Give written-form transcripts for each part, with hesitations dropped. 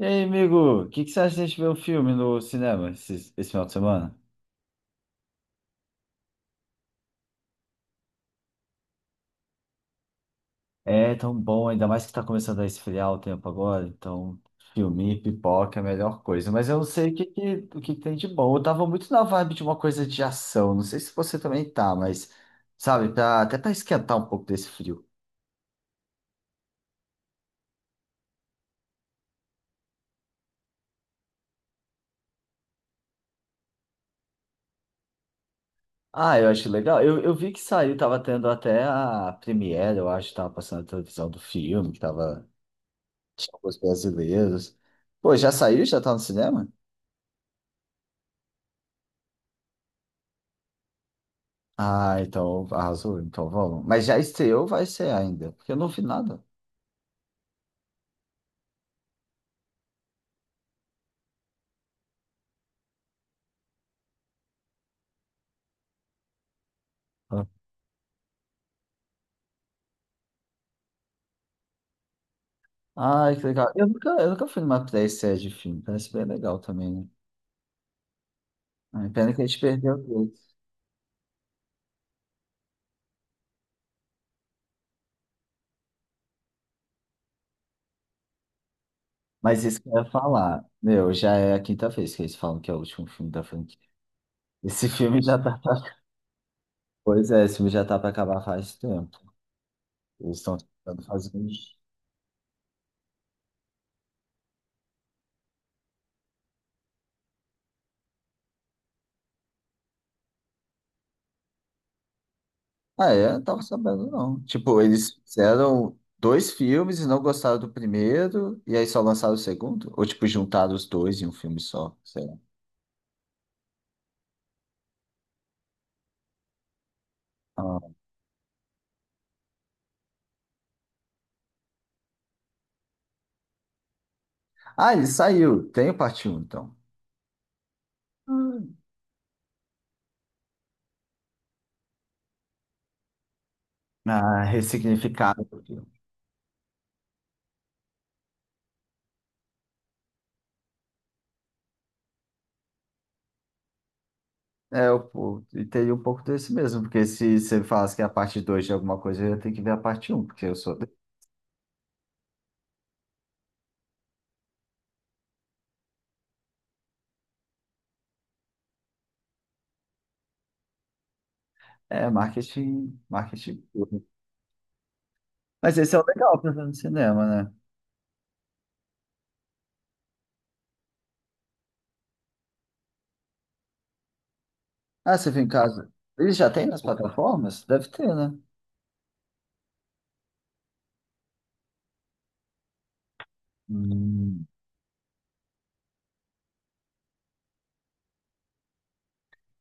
E aí, amigo, o que, que você acha de a gente ver um filme no cinema esse final de semana? É tão bom, ainda mais que tá começando a esfriar o tempo agora, então filme, pipoca é a melhor coisa. Mas eu não sei o que, que tem de bom. Eu tava muito na vibe de uma coisa de ação, não sei se você também tá, mas sabe, até pra esquentar um pouco desse frio. Ah, eu acho legal. Eu vi que saiu, tava tendo até a premiere, eu acho, tava passando a televisão do filme, tinha os brasileiros. Pô, já saiu? Já tá no cinema? Ah, então arrasou, então vamos. Mas já estreou, ou vai ser ainda, porque eu não vi nada. Ah. Ai, que legal. Eu nunca fui numa pré-estreia de filme, parece bem legal também, né? Ai, pena que a gente perdeu dois. Mas isso que eu ia falar, meu, já é a quinta vez que eles falam que é o último filme da franquia. Esse filme já tá. Pois é, esse filme já tá pra acabar faz tempo. Eles estão tentando fazer isso. Ah, é? Não tava sabendo, não. Tipo, eles fizeram dois filmes e não gostaram do primeiro, e aí só lançaram o segundo? Ou, tipo, juntaram os dois em um filme só? Sei lá. Ah, Ah, ele saiu. Tem o parte um então. Hum. Ah, ressignificado o filme. É, eu, pô, e teria um pouco desse mesmo, porque se você me falasse que é a parte 2 de alguma coisa, eu ia ter que ver a parte um porque eu sou. É, marketing, marketing puro. Mas esse é o legal pra ver no cinema, né? Ah, você viu em casa. Ele já tem nas plataformas? Deve ter, né? Hum,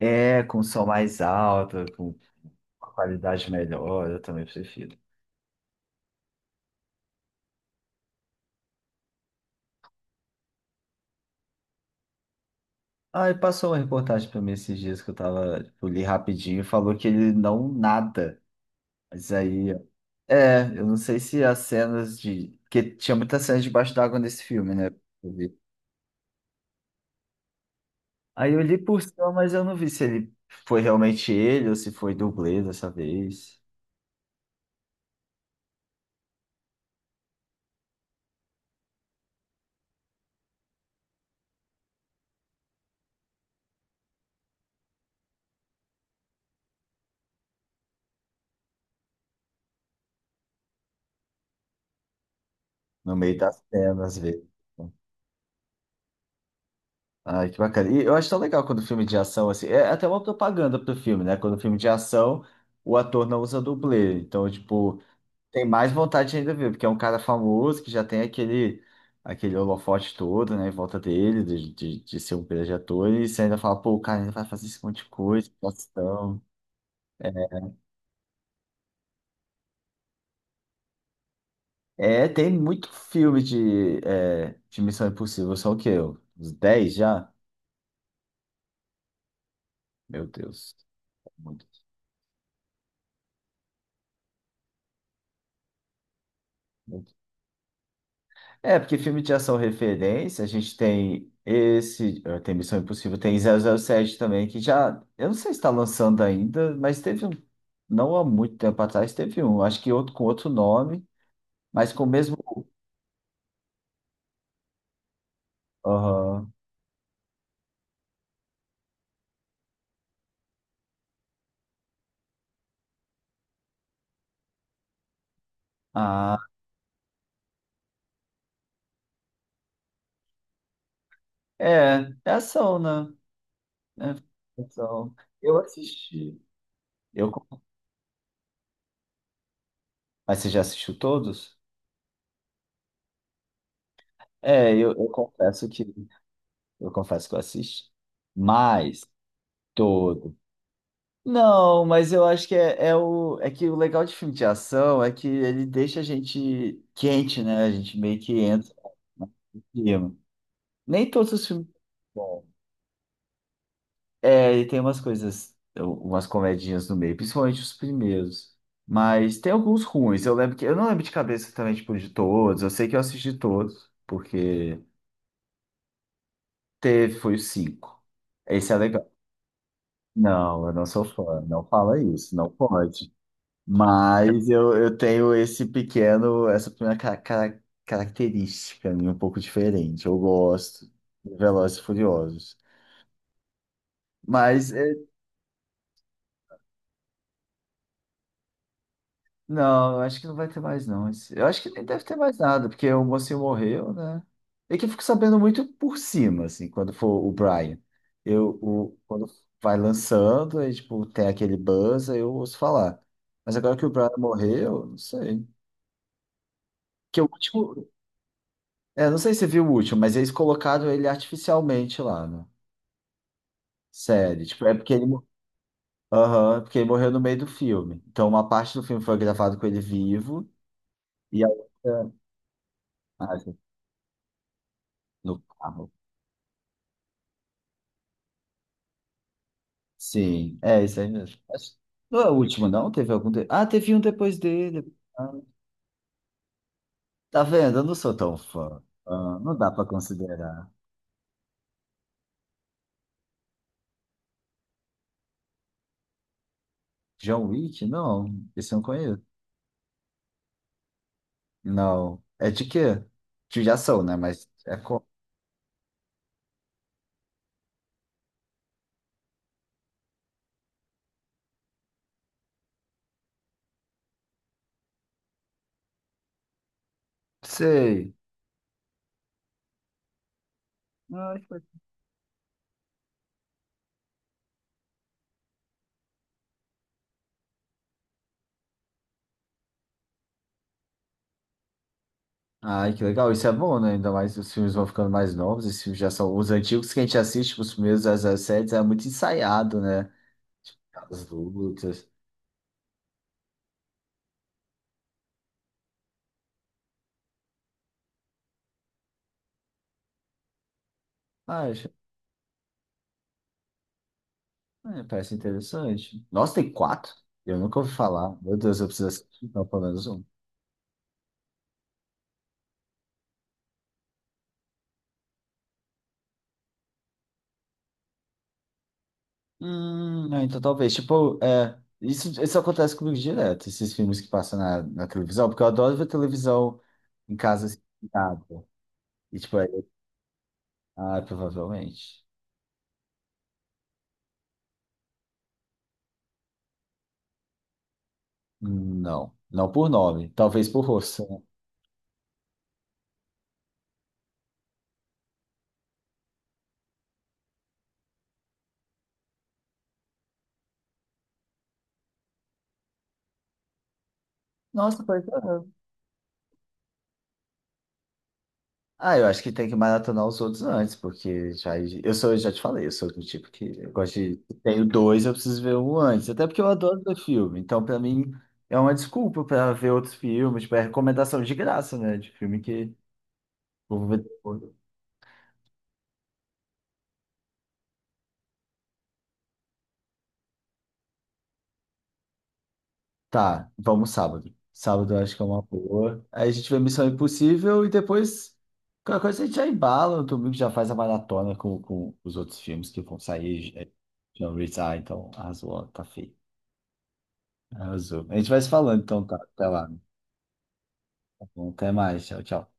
é, com som mais alto, com uma qualidade melhor, eu também prefiro. Ah, e passou uma reportagem pra mim esses dias que eu tava, tipo, li rapidinho, e falou que ele não nada. Mas aí, eu não sei se as cenas de. Porque tinha muitas cenas debaixo d'água nesse filme, né? Eu vi. Aí eu li por cima, mas eu não vi se ele foi realmente ele ou se foi dublê dessa vez. No meio das cenas, às vezes. Ai, que bacana. E eu acho tão legal quando o filme de ação, assim, é até uma propaganda pro filme, né? Quando o filme de ação, o ator não usa dublê. Então, tipo, tem mais vontade ainda de ver, porque é um cara famoso que já tem aquele holofote todo, né, em volta dele, de ser um grande ator, e você ainda fala, pô, o cara ainda vai fazer esse monte de coisa, que ação. É, tem muito filme de Missão Impossível, só o quê? Uns 10 já? Meu Deus, é muito. É, porque filme de ação referência, a gente tem esse, tem Missão Impossível, tem 007 também, que já, eu não sei se está lançando ainda, mas teve um, não há muito tempo atrás, teve um, acho que outro com outro nome, mas com o mesmo. Aham. Ah, é ação, né? É ação. Eu assisti. Eu, con- mas você já assistiu todos? É, eu confesso que eu confesso que eu assisti. Mas todos. Não, mas eu acho que é que o legal de filme de ação é que ele deixa a gente quente, né? A gente meio que entra no clima. Nem todos os filmes. Bom, e tem umas coisas, umas comedinhas no meio, principalmente os primeiros. Mas tem alguns ruins. Eu lembro que eu não lembro de cabeça também, tipo, de todos. Eu sei que eu assisti todos, porque foi o cinco. Esse é legal. Não, eu não sou fã. Não fala isso, não pode. Mas eu tenho esse pequeno, essa pequena característica minha um pouco diferente. Eu gosto de Velozes e Furiosos. Mas, não, eu acho que não vai ter mais, não. Eu acho que nem deve ter mais nada, porque o mocinho morreu, né? É que eu fico sabendo muito por cima, assim, quando for o Brian. Quando vai lançando, aí, tipo, tem aquele buzz, aí eu ouço falar. Mas agora que o Brian morreu, não sei. Que o último, É, não sei se você viu o último, mas eles colocaram ele artificialmente lá na série. Tipo, é porque ele. Aham, porque ele morreu no meio do filme. Então, uma parte do filme foi gravado com ele vivo e a outra ah, no carro. Sim, é isso aí mesmo. Não é o último, não? Teve algum. Ah, teve um depois dele. Ah, tá vendo? Eu não sou tão fã. Ah, não dá pra considerar. John Wick? Não, esse eu não conheço. Não. É de quê? De ação, né? Mas é. Sei. Ah, ai, que legal, isso é bom, né? Ainda mais os filmes vão ficando mais novos, esses filmes já são os antigos que a gente assiste, tipo, os primeiros das séries é muito ensaiado, né? As lutas. Ah, é, parece interessante. Nossa, tem quatro? Eu nunca ouvi falar. Meu Deus, eu preciso assistir, então, pelo menos um. Não, então talvez, tipo, isso acontece comigo direto, esses filmes que passam na televisão, porque eu adoro ver televisão em casa assim, nada. E tipo, aí, provavelmente. Não, não por nome, talvez por rosto. Nossa, pois é. Ah, eu acho que tem que maratonar os outros antes, porque já, eu sou, eu já te falei, eu sou do tipo que eu gosto de, tenho dois, eu preciso ver um antes, até porque eu adoro ver filme, então pra mim é uma desculpa pra ver outros filmes, tipo, é recomendação de graça, né, de filme que eu vou ver depois. Tá, vamos sábado. Sábado eu acho que é uma boa. Aí a gente vê Missão Impossível e depois qualquer coisa a gente já embala, no domingo já faz a maratona com os outros filmes que vão sair, já já revisar, então arrasou, tá feito. Arrasou. A gente vai se falando, então, tá? Até lá. Tá bom, até mais. Tchau, tchau.